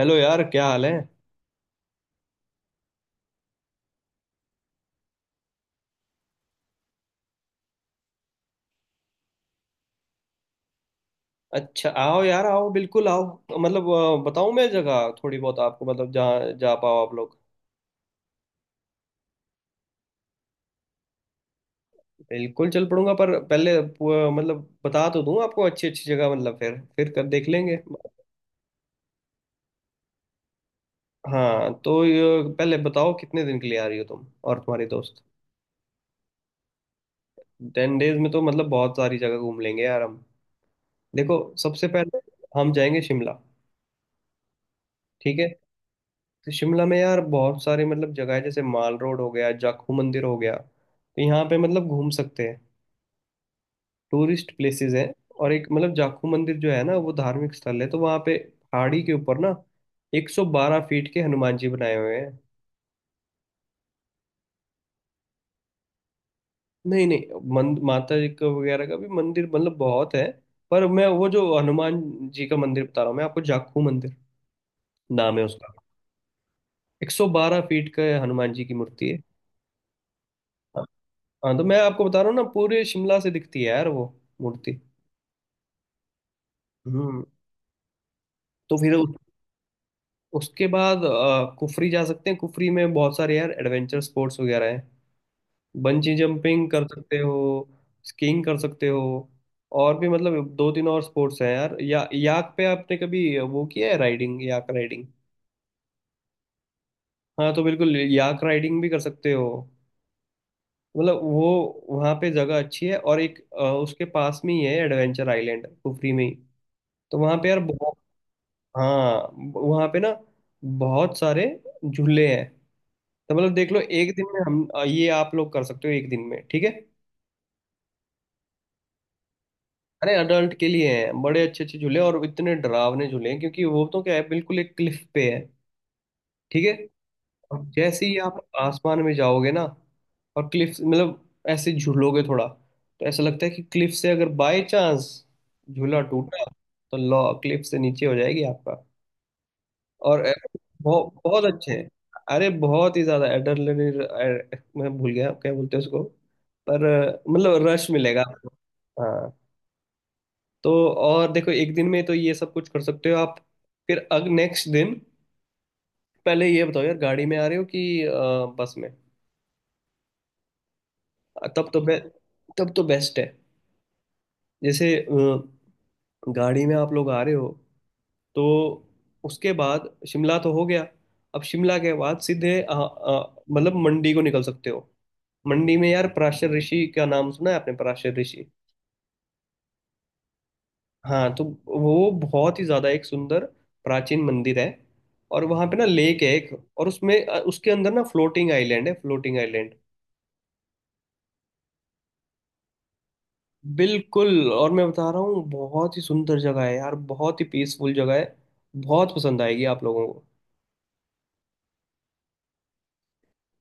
Hello यार, क्या हाल है। अच्छा आओ यार, आओ, बिल्कुल आओ। मतलब बताऊं, मैं जगह थोड़ी बहुत आपको मतलब जहाँ जा पाओ आप लोग। बिल्कुल चल पड़ूंगा, पर पहले मतलब बता तो दूं आपको अच्छी अच्छी जगह, मतलब फिर कर देख लेंगे। हाँ तो ये, पहले बताओ कितने दिन के लिए आ रही हो तुम और तुम्हारे दोस्त। टेन डेज में तो मतलब बहुत सारी जगह घूम लेंगे यार हम। देखो, सबसे पहले हम जाएंगे शिमला, ठीक है। तो शिमला में यार बहुत सारे मतलब जगह है, जैसे माल रोड हो गया, जाखू मंदिर हो गया, तो यहाँ पे मतलब घूम सकते हैं। टूरिस्ट प्लेसेस हैं। और एक मतलब जाखू मंदिर जो है ना, वो धार्मिक स्थल है, तो वहाँ पे पहाड़ी के ऊपर ना 112 फीट के हनुमान जी बनाए हुए हैं। नहीं नहीं, माता जी का वगैरह का भी मंदिर मतलब बहुत है, पर मैं वो जो हनुमान जी का मंदिर बता रहा हूँ मैं आपको, जाखू मंदिर नाम है उसका। 112 फीट का हनुमान जी की मूर्ति है। हाँ तो मैं आपको बता रहा हूँ ना, पूरे शिमला से दिखती है यार वो मूर्ति। हम्म। तो फिर उसके बाद कुफरी जा सकते हैं। कुफरी में बहुत सारे यार एडवेंचर स्पोर्ट्स वगैरह हैं। बंजी जंपिंग कर सकते हो, स्कीइंग कर सकते हो, और भी मतलब दो तीन और स्पोर्ट्स हैं यार। या याक पे आपने कभी वो किया है, राइडिंग, याक राइडिंग। हाँ तो बिल्कुल याक राइडिंग भी कर सकते हो। मतलब वो वहाँ पे जगह अच्छी है। और एक उसके पास में ही है एडवेंचर आइलैंड, कुफरी में ही। तो वहाँ पे यार बहुत। हाँ, वहाँ पे ना बहुत सारे झूले हैं। तो मतलब देख लो, एक दिन में हम ये आप लोग कर सकते हो एक दिन में, ठीक है। अरे अडल्ट के लिए हैं, बड़े अच्छे अच्छे झूले। और इतने डरावने झूले हैं, क्योंकि वो तो क्या है, बिल्कुल एक क्लिफ पे है, ठीक है। और जैसे ही आप आसमान में जाओगे ना, और क्लिफ मतलब ऐसे झूलोगे थोड़ा, तो ऐसा लगता है कि क्लिफ से अगर बाय चांस झूला टूटा, तो लॉ क्लिफ से नीचे हो जाएगी आपका। और बहुत बहुत अच्छे हैं। अरे बहुत ही ज्यादा एड्रेनलिन, मैं भूल गया क्या बोलते हैं उसको, पर मतलब रश मिलेगा आपको। हाँ। तो और देखो, एक दिन में तो ये सब कुछ कर सकते हो आप। फिर अग नेक्स्ट दिन, पहले ये बताओ यार, गाड़ी में आ रहे हो कि बस में। तब तो बे, तब तो बेस्ट है। जैसे गाड़ी में आप लोग आ रहे हो, तो उसके बाद शिमला तो हो गया। अब शिमला के बाद सीधे मतलब मंडी को निकल सकते हो। मंडी में यार पराशर ऋषि का नाम सुना है आपने, पराशर ऋषि। हाँ तो वो बहुत ही ज्यादा एक सुंदर प्राचीन मंदिर है। और वहां पे ना लेक है एक, और उसमें उसके अंदर ना फ्लोटिंग आइलैंड है, फ्लोटिंग आइलैंड। बिल्कुल, और मैं बता रहा हूँ बहुत ही सुंदर जगह है यार, बहुत ही पीसफुल जगह है। बहुत पसंद आएगी आप लोगों को।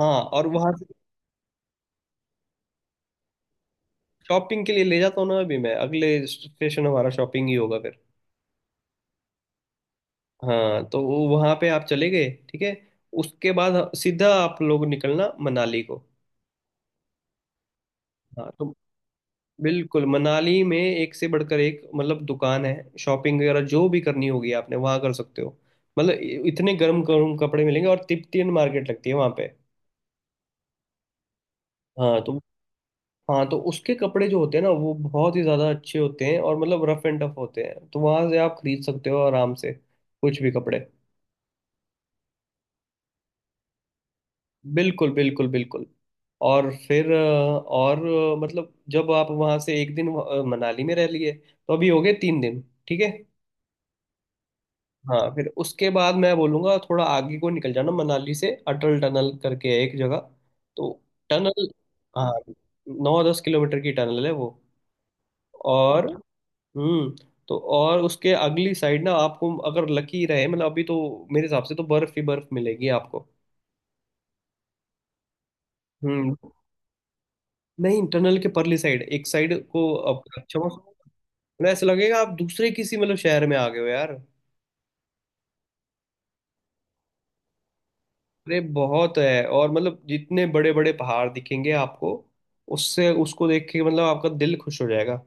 हाँ, और वहां से। शॉपिंग के लिए ले जाता हूँ ना अभी मैं, अगले स्टेशन हमारा शॉपिंग ही होगा फिर। हाँ तो वो वहां पे आप चले गए, ठीक है। उसके बाद सीधा आप लोग निकलना मनाली को। हाँ तो बिल्कुल, मनाली में एक से बढ़कर एक मतलब दुकान है। शॉपिंग वगैरह जो भी करनी होगी आपने, वहां कर सकते हो। मतलब इतने गर्म गर्म कपड़े मिलेंगे, और तिब्बतियन मार्केट लगती है वहां पे। हाँ तो। हाँ तो उसके कपड़े जो होते हैं ना, वो बहुत ही ज्यादा अच्छे होते हैं, और मतलब रफ एंड टफ होते हैं, तो वहां से आप खरीद सकते हो आराम से कुछ भी कपड़े। बिल्कुल बिल्कुल बिल्कुल। और फिर और मतलब जब आप वहां से एक दिन मनाली में रह लिए, तो अभी हो गए 3 दिन, ठीक है। हाँ फिर उसके बाद मैं बोलूँगा थोड़ा आगे को निकल जाना। मनाली से अटल टनल करके है एक जगह, तो टनल। हाँ, 9-10 किलोमीटर की टनल है वो। और। हम्म। तो और उसके अगली साइड ना, आपको अगर लकी रहे, मतलब अभी तो मेरे हिसाब से तो बर्फ ही बर्फ मिलेगी आपको। हम्म। नहीं, टनल के परली साइड, एक साइड को आप अच्छा मौसम, मतलब ऐसा लगेगा आप दूसरे किसी मतलब शहर में आ गए हो यार। अरे बहुत है। और मतलब जितने बड़े बड़े पहाड़ दिखेंगे आपको, उससे उसको देख के मतलब आपका दिल खुश हो जाएगा।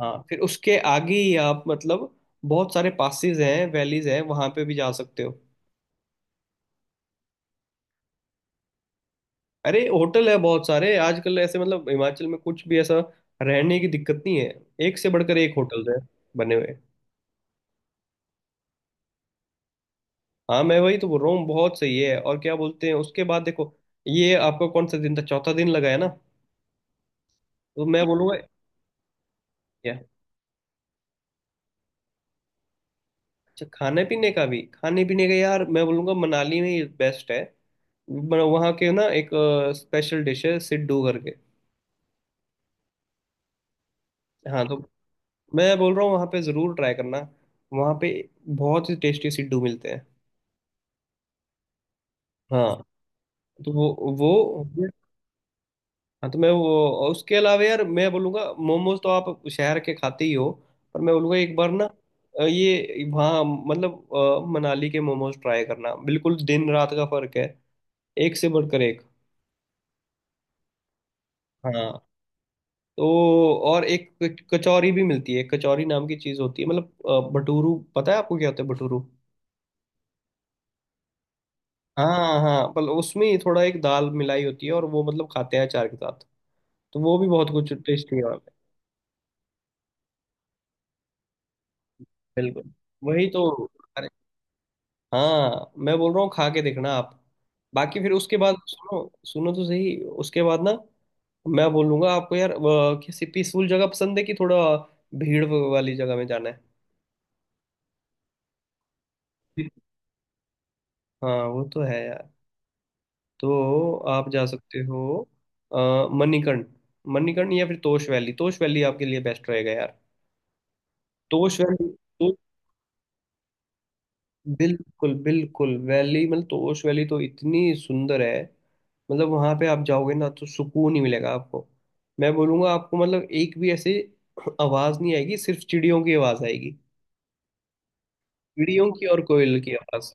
हाँ फिर उसके आगे ही आप मतलब बहुत सारे पासेस हैं, वैलीज हैं, वहां पे भी जा सकते हो। अरे होटल है बहुत सारे आजकल, ऐसे मतलब हिमाचल में कुछ भी ऐसा रहने की दिक्कत नहीं है। एक से बढ़कर एक होटल है बने हुए। हाँ मैं वही तो बोल रहा हूँ, बहुत सही है। और क्या बोलते हैं, उसके बाद देखो, ये आपका कौन सा दिन था, चौथा दिन लगा है ना। तो मैं बोलूंगा, अच्छा खाने पीने का भी, खाने पीने का यार मैं बोलूँगा मनाली में ये बेस्ट है। वहाँ के ना एक स्पेशल डिश है, सिड्डू करके। हाँ तो मैं बोल रहा हूँ, वहाँ पे ज़रूर ट्राई करना, वहाँ पे बहुत ही टेस्टी सिड्डू मिलते हैं। हाँ तो वो। हाँ तो मैं वो। और उसके अलावा यार मैं बोलूँगा, मोमोज तो आप शहर के खाते ही हो, पर मैं बोलूँगा एक बार ना ये वहाँ मतलब मनाली के मोमोज ट्राई करना, बिल्कुल दिन रात का फर्क है, एक से बढ़कर एक। हाँ तो और एक कचौरी भी मिलती है। कचौरी नाम की चीज होती है, मतलब भटूरू, पता है आपको क्या होता है भटूरू। हाँ हाँ मतलब उसमें ही थोड़ा एक दाल मिलाई होती है, और वो मतलब खाते हैं अचार के साथ। तो वो भी बहुत कुछ टेस्टी है वहाँ पे। बिल्कुल वही तो। अरे हाँ मैं बोल रहा हूँ, खा के देखना आप। बाकी फिर उसके बाद सुनो, सुनो तो सही। उसके बाद ना, मैं बोलूंगा आपको यार, किसी पीसफुल जगह पसंद है कि थोड़ा भीड़ वाली जगह में जाना है। हाँ वो तो है यार। तो आप जा सकते हो अ, मणिकर्ण। मणिकर्ण या फिर तोश वैली, तोश वैली आपके लिए बेस्ट रहेगा यार, तोश वैली। तो बिल्कुल बिल्कुल, वैली मतलब तोश वैली तो इतनी सुंदर है, मतलब वहां पे आप जाओगे ना तो सुकून ही मिलेगा आपको। मैं बोलूंगा आपको, मतलब एक भी ऐसे आवाज नहीं आएगी, सिर्फ चिड़ियों की आवाज आएगी। चिड़ियों की और कोयल की आवाज।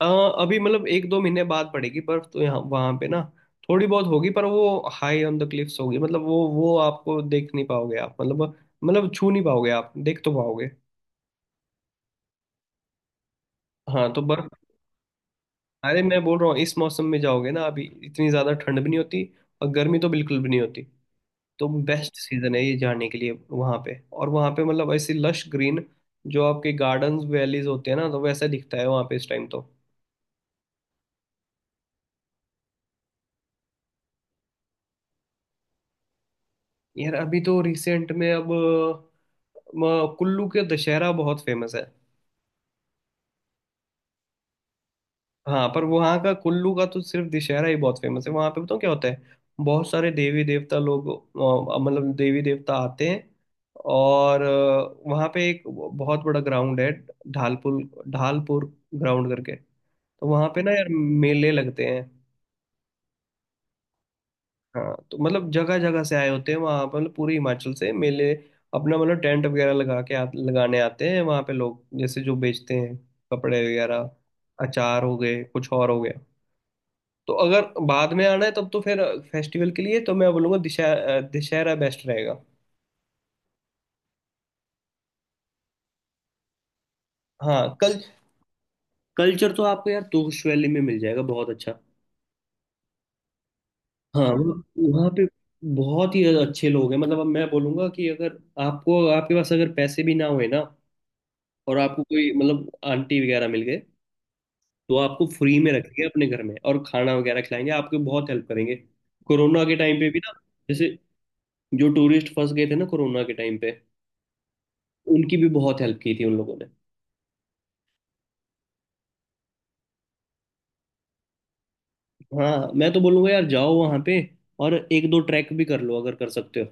अ, अभी मतलब एक दो महीने बाद पड़ेगी बर्फ, तो यहाँ वहां पे ना थोड़ी बहुत होगी, पर वो हाई ऑन द क्लिफ्स होगी। मतलब वो आपको देख नहीं पाओगे आप, मतलब मतलब छू नहीं पाओगे आप, देख तो पाओगे। हाँ तो बर्फ। अरे मैं बोल रहा हूँ, इस मौसम में जाओगे ना, अभी इतनी ज्यादा ठंड भी नहीं होती, और गर्मी तो बिल्कुल भी नहीं होती। तो बेस्ट सीजन है ये जाने के लिए वहां पे। और वहां पे मतलब ऐसी लश ग्रीन, जो आपके गार्डन्स वैलीज होते हैं ना, तो वैसा दिखता है वहां पे इस टाइम तो। यार अभी तो रिसेंट में, अब कुल्लू के दशहरा बहुत फेमस है। हाँ पर वहाँ का कुल्लू का तो सिर्फ दशहरा ही बहुत फेमस है। वहाँ पे बताऊँ क्या होता है, बहुत सारे देवी देवता लोग मतलब देवी देवता आते हैं। और वहाँ पे एक बहुत बड़ा ग्राउंड है, ढालपुर, ढालपुर ग्राउंड करके। तो वहाँ पे ना यार मेले लगते हैं। हाँ तो मतलब जगह जगह से आए होते हैं वहाँ पर, मतलब पूरे हिमाचल से मेले। अपना मतलब टेंट वगैरह लगा के लगाने आते हैं वहाँ पे लोग, जैसे जो बेचते हैं कपड़े वगैरह, अचार हो गए, कुछ और हो गया। तो अगर बाद में आना है तब तो फिर फेस्टिवल के लिए तो मैं बोलूँगा दशहरा दशहरा बेस्ट रहेगा। हाँ कल कल्चर तो आपको यार तोश वैली में मिल जाएगा बहुत अच्छा। हाँ वहाँ पे बहुत ही अच्छे लोग हैं। मतलब अब मैं बोलूंगा कि अगर आपको, आपके पास अगर पैसे भी ना हुए ना, और आपको कोई मतलब आंटी वगैरह मिल गए, तो आपको फ्री में रखेंगे अपने घर में, और खाना वगैरह खिलाएंगे आपको, बहुत हेल्प करेंगे। कोरोना के टाइम पे भी ना, जैसे जो टूरिस्ट फंस गए थे ना कोरोना के टाइम पे, उनकी भी बहुत हेल्प की थी उन लोगों ने। हाँ मैं तो बोलूंगा यार जाओ वहां पे, और एक दो ट्रैक भी कर लो अगर कर सकते हो।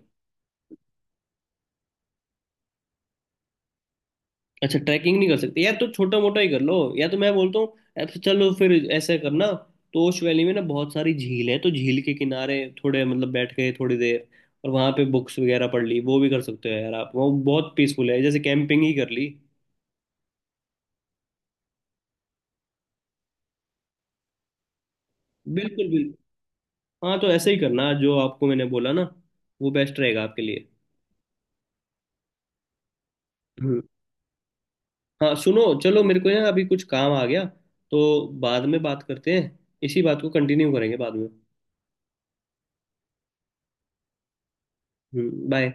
अच्छा ट्रैकिंग नहीं कर सकते यार, तो छोटा मोटा ही कर लो। या तो मैं बोलता हूँ, या तो चलो फिर ऐसा करना, तोश वैली में ना बहुत सारी झील है, तो झील के किनारे थोड़े मतलब बैठ गए थोड़ी देर, और वहां पे बुक्स वगैरह पढ़ ली, वो भी कर सकते हो यार आप। वो बहुत पीसफुल है, जैसे कैंपिंग ही कर ली। बिल्कुल बिल्कुल। हाँ तो ऐसे ही करना जो आपको मैंने बोला ना, वो बेस्ट रहेगा आपके लिए। हम्म। हाँ सुनो चलो, मेरे को ना अभी कुछ काम आ गया, तो बाद में बात करते हैं, इसी बात को कंटिन्यू करेंगे बाद में। हम्म, बाय।